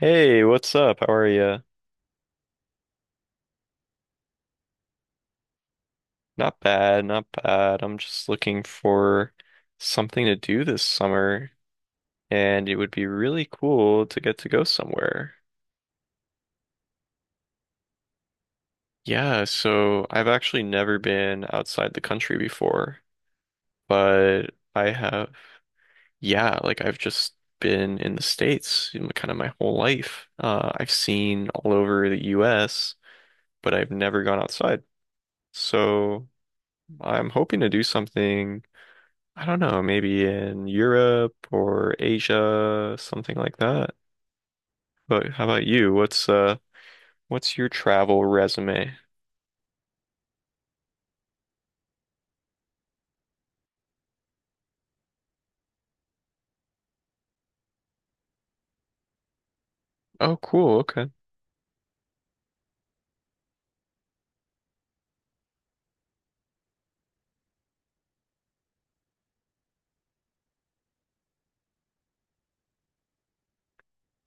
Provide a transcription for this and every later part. Hey, what's up? How are you? Not bad, not bad. I'm just looking for something to do this summer, and it would be really cool to get to go somewhere. Yeah, so I've actually never been outside the country before, but I have, yeah, like I've just been in the States in kind of my whole life. I've seen all over the US, but I've never gone outside. So I'm hoping to do something. I don't know, maybe in Europe or Asia, something like that. But how about you? What's your travel resume? Oh, cool. Okay.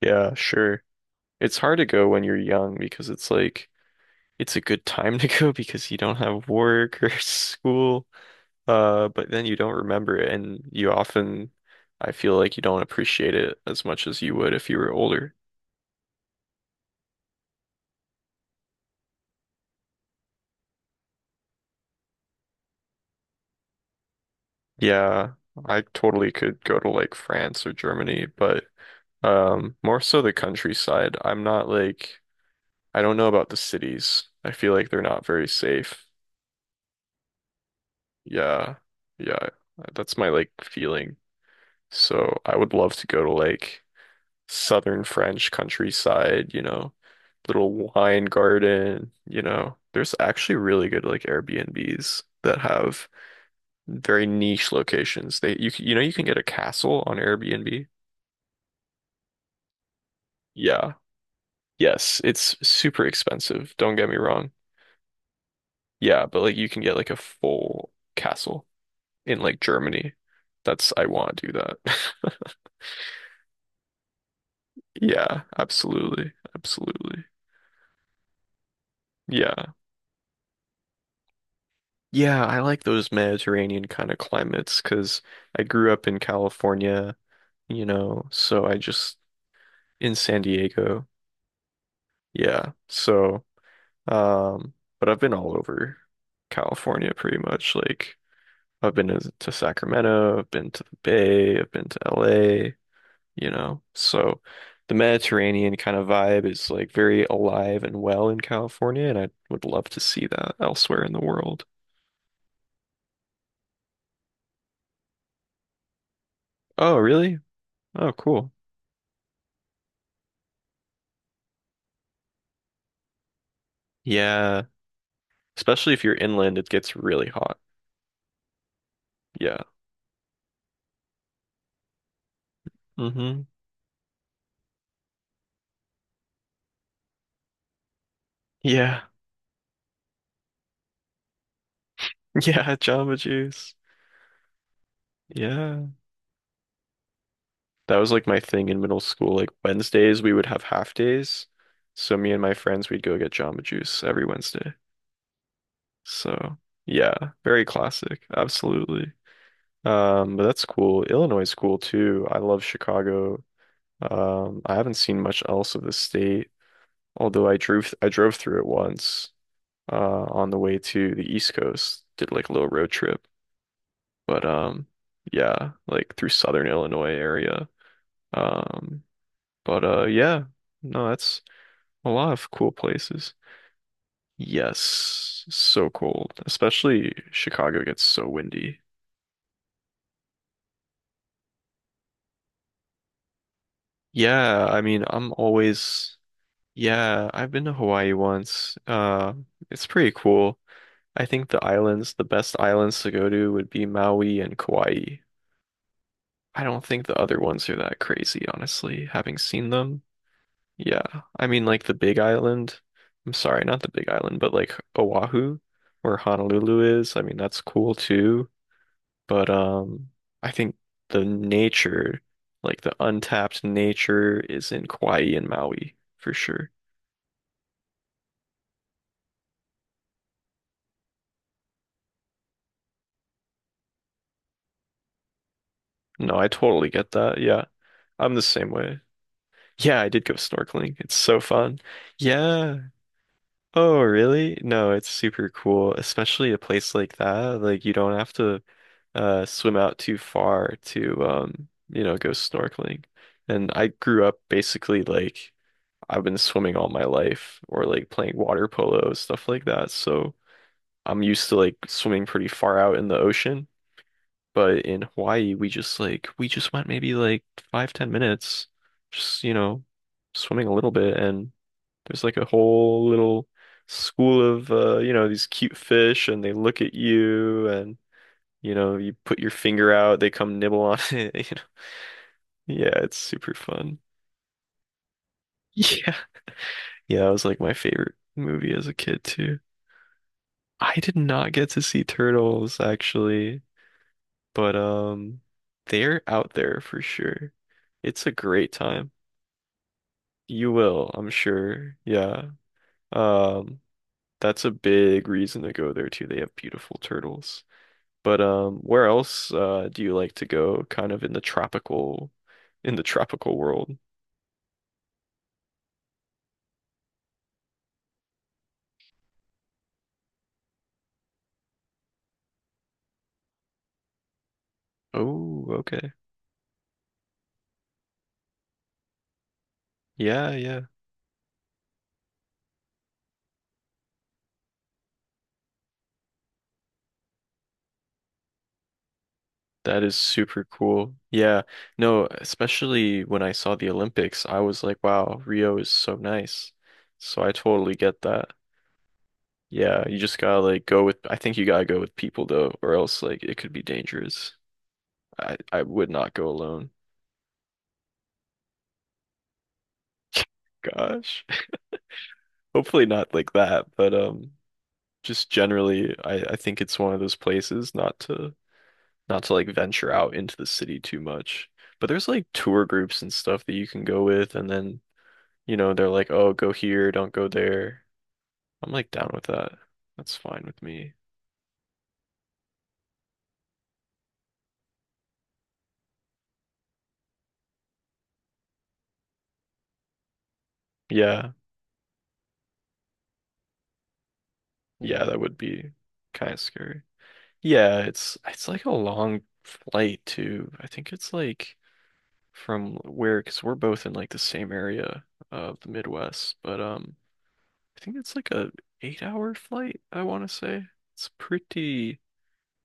Yeah, sure. It's hard to go when you're young because it's like it's a good time to go because you don't have work or school. But then you don't remember it and you often I feel like you don't appreciate it as much as you would if you were older. Yeah, I totally could go to like France or Germany, but more so the countryside. I'm not like I don't know about the cities. I feel like they're not very safe. Yeah. Yeah. That's my like feeling. So I would love to go to like southern French countryside, you know, little wine garden, you know. There's actually really good like Airbnbs that have very niche locations. They you know you can get a castle on Airbnb. Yeah. Yes, it's super expensive. Don't get me wrong. Yeah, but like you can get like a full castle in like Germany. That's I want to do that. Yeah, absolutely. Absolutely. Yeah. Yeah, I like those Mediterranean kind of climates because I grew up in California, you know, so I just in San Diego. Yeah. So, but I've been all over California pretty much. Like I've been to Sacramento, I've been to the Bay, I've been to LA, you know. So the Mediterranean kind of vibe is like very alive and well in California, and I would love to see that elsewhere in the world. Oh, really? Oh, cool. Yeah. Especially if you're inland, it gets really hot. Yeah. Mm-hmm. Yeah. Yeah, Jamba Juice. Yeah. That was like my thing in middle school. Like Wednesdays we would have half days. So me and my friends we'd go get Jamba Juice every Wednesday. So yeah, very classic. Absolutely. But that's cool. Illinois is cool too. I love Chicago. I haven't seen much else of the state, although I drove through it once, uh, on the way to the East Coast. Did like a little road trip, but yeah, like through Southern Illinois area. Um, but yeah, no, that's a lot of cool places. Yes, so cold, especially Chicago gets so windy. Yeah, I mean, I'm always. Yeah, I've been to Hawaii once. It's pretty cool. I think the islands, the best islands to go to would be Maui and Kauai. I don't think the other ones are that crazy, honestly, having seen them. Yeah, I mean, like the Big Island. I'm sorry, not the Big Island, but like Oahu, where Honolulu is. I mean, that's cool too. But I think the nature, like the untapped nature, is in Kauai and Maui for sure. No, I totally get that. Yeah. I'm the same way. Yeah, I did go snorkeling. It's so fun. Yeah. Oh, really? No, it's super cool, especially a place like that. Like you don't have to swim out too far to you know, go snorkeling. And I grew up basically like I've been swimming all my life or like playing water polo, stuff like that. So I'm used to like swimming pretty far out in the ocean. But in Hawaii, we just went maybe like five, 10 minutes, just you know, swimming a little bit, and there's like a whole little school of you know, these cute fish, and they look at you, and you know, you put your finger out, they come nibble on it, you know. Yeah, it's super fun. Yeah. Yeah, that was like my favorite movie as a kid too. I did not get to see turtles actually, but they're out there for sure. It's a great time. You will, I'm sure. Yeah. Um, that's a big reason to go there too. They have beautiful turtles. But where else do you like to go? Kind of in the tropical world. Oh, okay. Yeah, yeah. That is super cool. Yeah. No, especially when I saw the Olympics, I was like, wow, Rio is so nice. So I totally get that. Yeah, you just gotta like go with I think you gotta go with people though, or else like it could be dangerous. I would not go alone. Gosh. Hopefully not like that, but just generally I think it's one of those places not to like venture out into the city too much. But there's like tour groups and stuff that you can go with, and then, you know, they're like, "Oh, go here, don't go there." I'm like down with that. That's fine with me. Yeah. Yeah, that would be kind of scary. It's like a long flight too. I think it's like from where, because we're both in like the same area of the Midwest, but I think it's like a 8 hour flight, I want to say. It's pretty,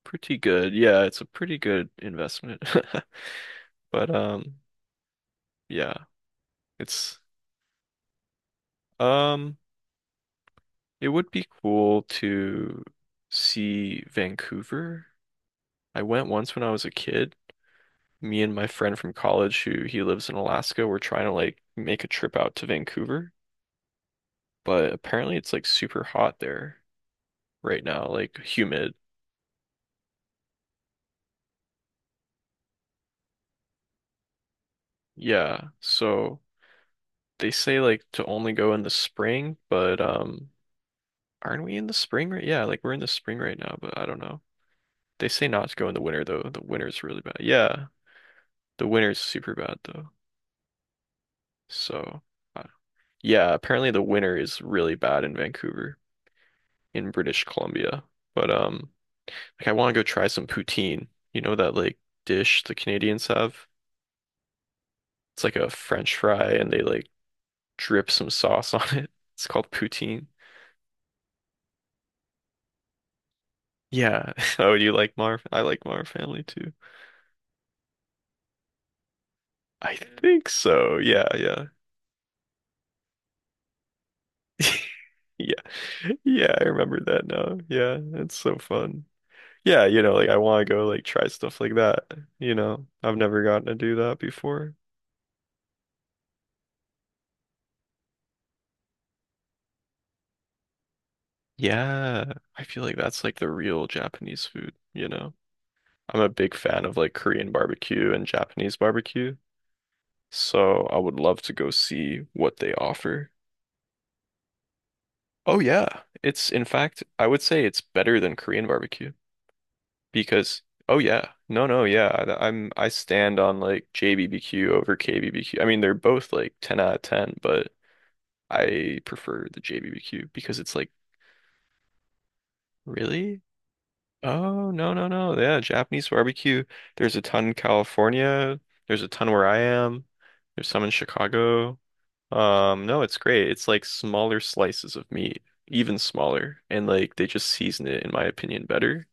pretty good. Yeah, it's a pretty good investment. But yeah, it's um, it would be cool to see Vancouver. I went once when I was a kid. Me and my friend from college who he lives in Alaska, were trying to like make a trip out to Vancouver, but apparently it's like super hot there right now, like humid. Yeah. So they say like to only go in the spring, but aren't we in the spring right? Yeah, like we're in the spring right now, but I don't know. They say not to go in the winter though. The winter's really bad. Yeah, the winter's super bad though. So uh, yeah, apparently the winter is really bad in Vancouver, in British Columbia. But like I want to go try some poutine. You know that like dish the Canadians have? It's like a French fry and they like drip some sauce on it. It's called poutine. Yeah. Oh, you like Mar? I like Mar Family too. I think so. Yeah, yeah. Yeah. Yeah, I remember that now. Yeah, it's so fun. Yeah, you know, like I want to go like try stuff like that, you know. I've never gotten to do that before. Yeah, I feel like that's like the real Japanese food, you know. I'm a big fan of like Korean barbecue and Japanese barbecue, so I would love to go see what they offer. Oh yeah, I would say it's better than Korean barbecue. Because oh yeah no no yeah I stand on like JBBQ over KBBQ. I mean, they're both like 10 out of 10, but I prefer the JBBQ because it's like really oh no no no yeah Japanese barbecue. There's a ton in California, there's a ton where I am, there's some in Chicago. No, it's great. It's like smaller slices of meat, even smaller, and like they just season it in my opinion better,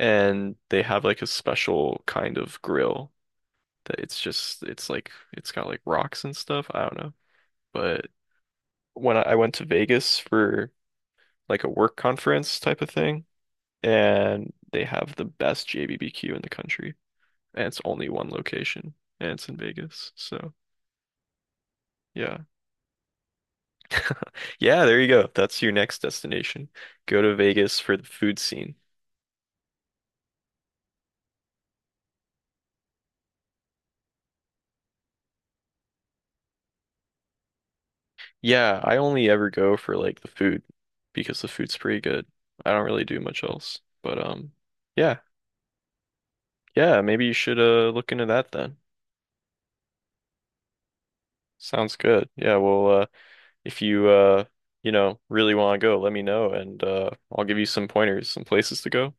and they have like a special kind of grill that it's just it's like it's got like rocks and stuff. I don't know. But when I went to Vegas for like a work conference type of thing, and they have the best JBBQ in the country, and it's only one location, and it's in Vegas. So yeah, yeah, there you go. That's your next destination. Go to Vegas for the food scene. Yeah, I only ever go for like the food because the food's pretty good. I don't really do much else. But yeah, yeah, maybe you should look into that then. Sounds good. Yeah, well, if you you know, really want to go, let me know, and I'll give you some pointers, some places to go.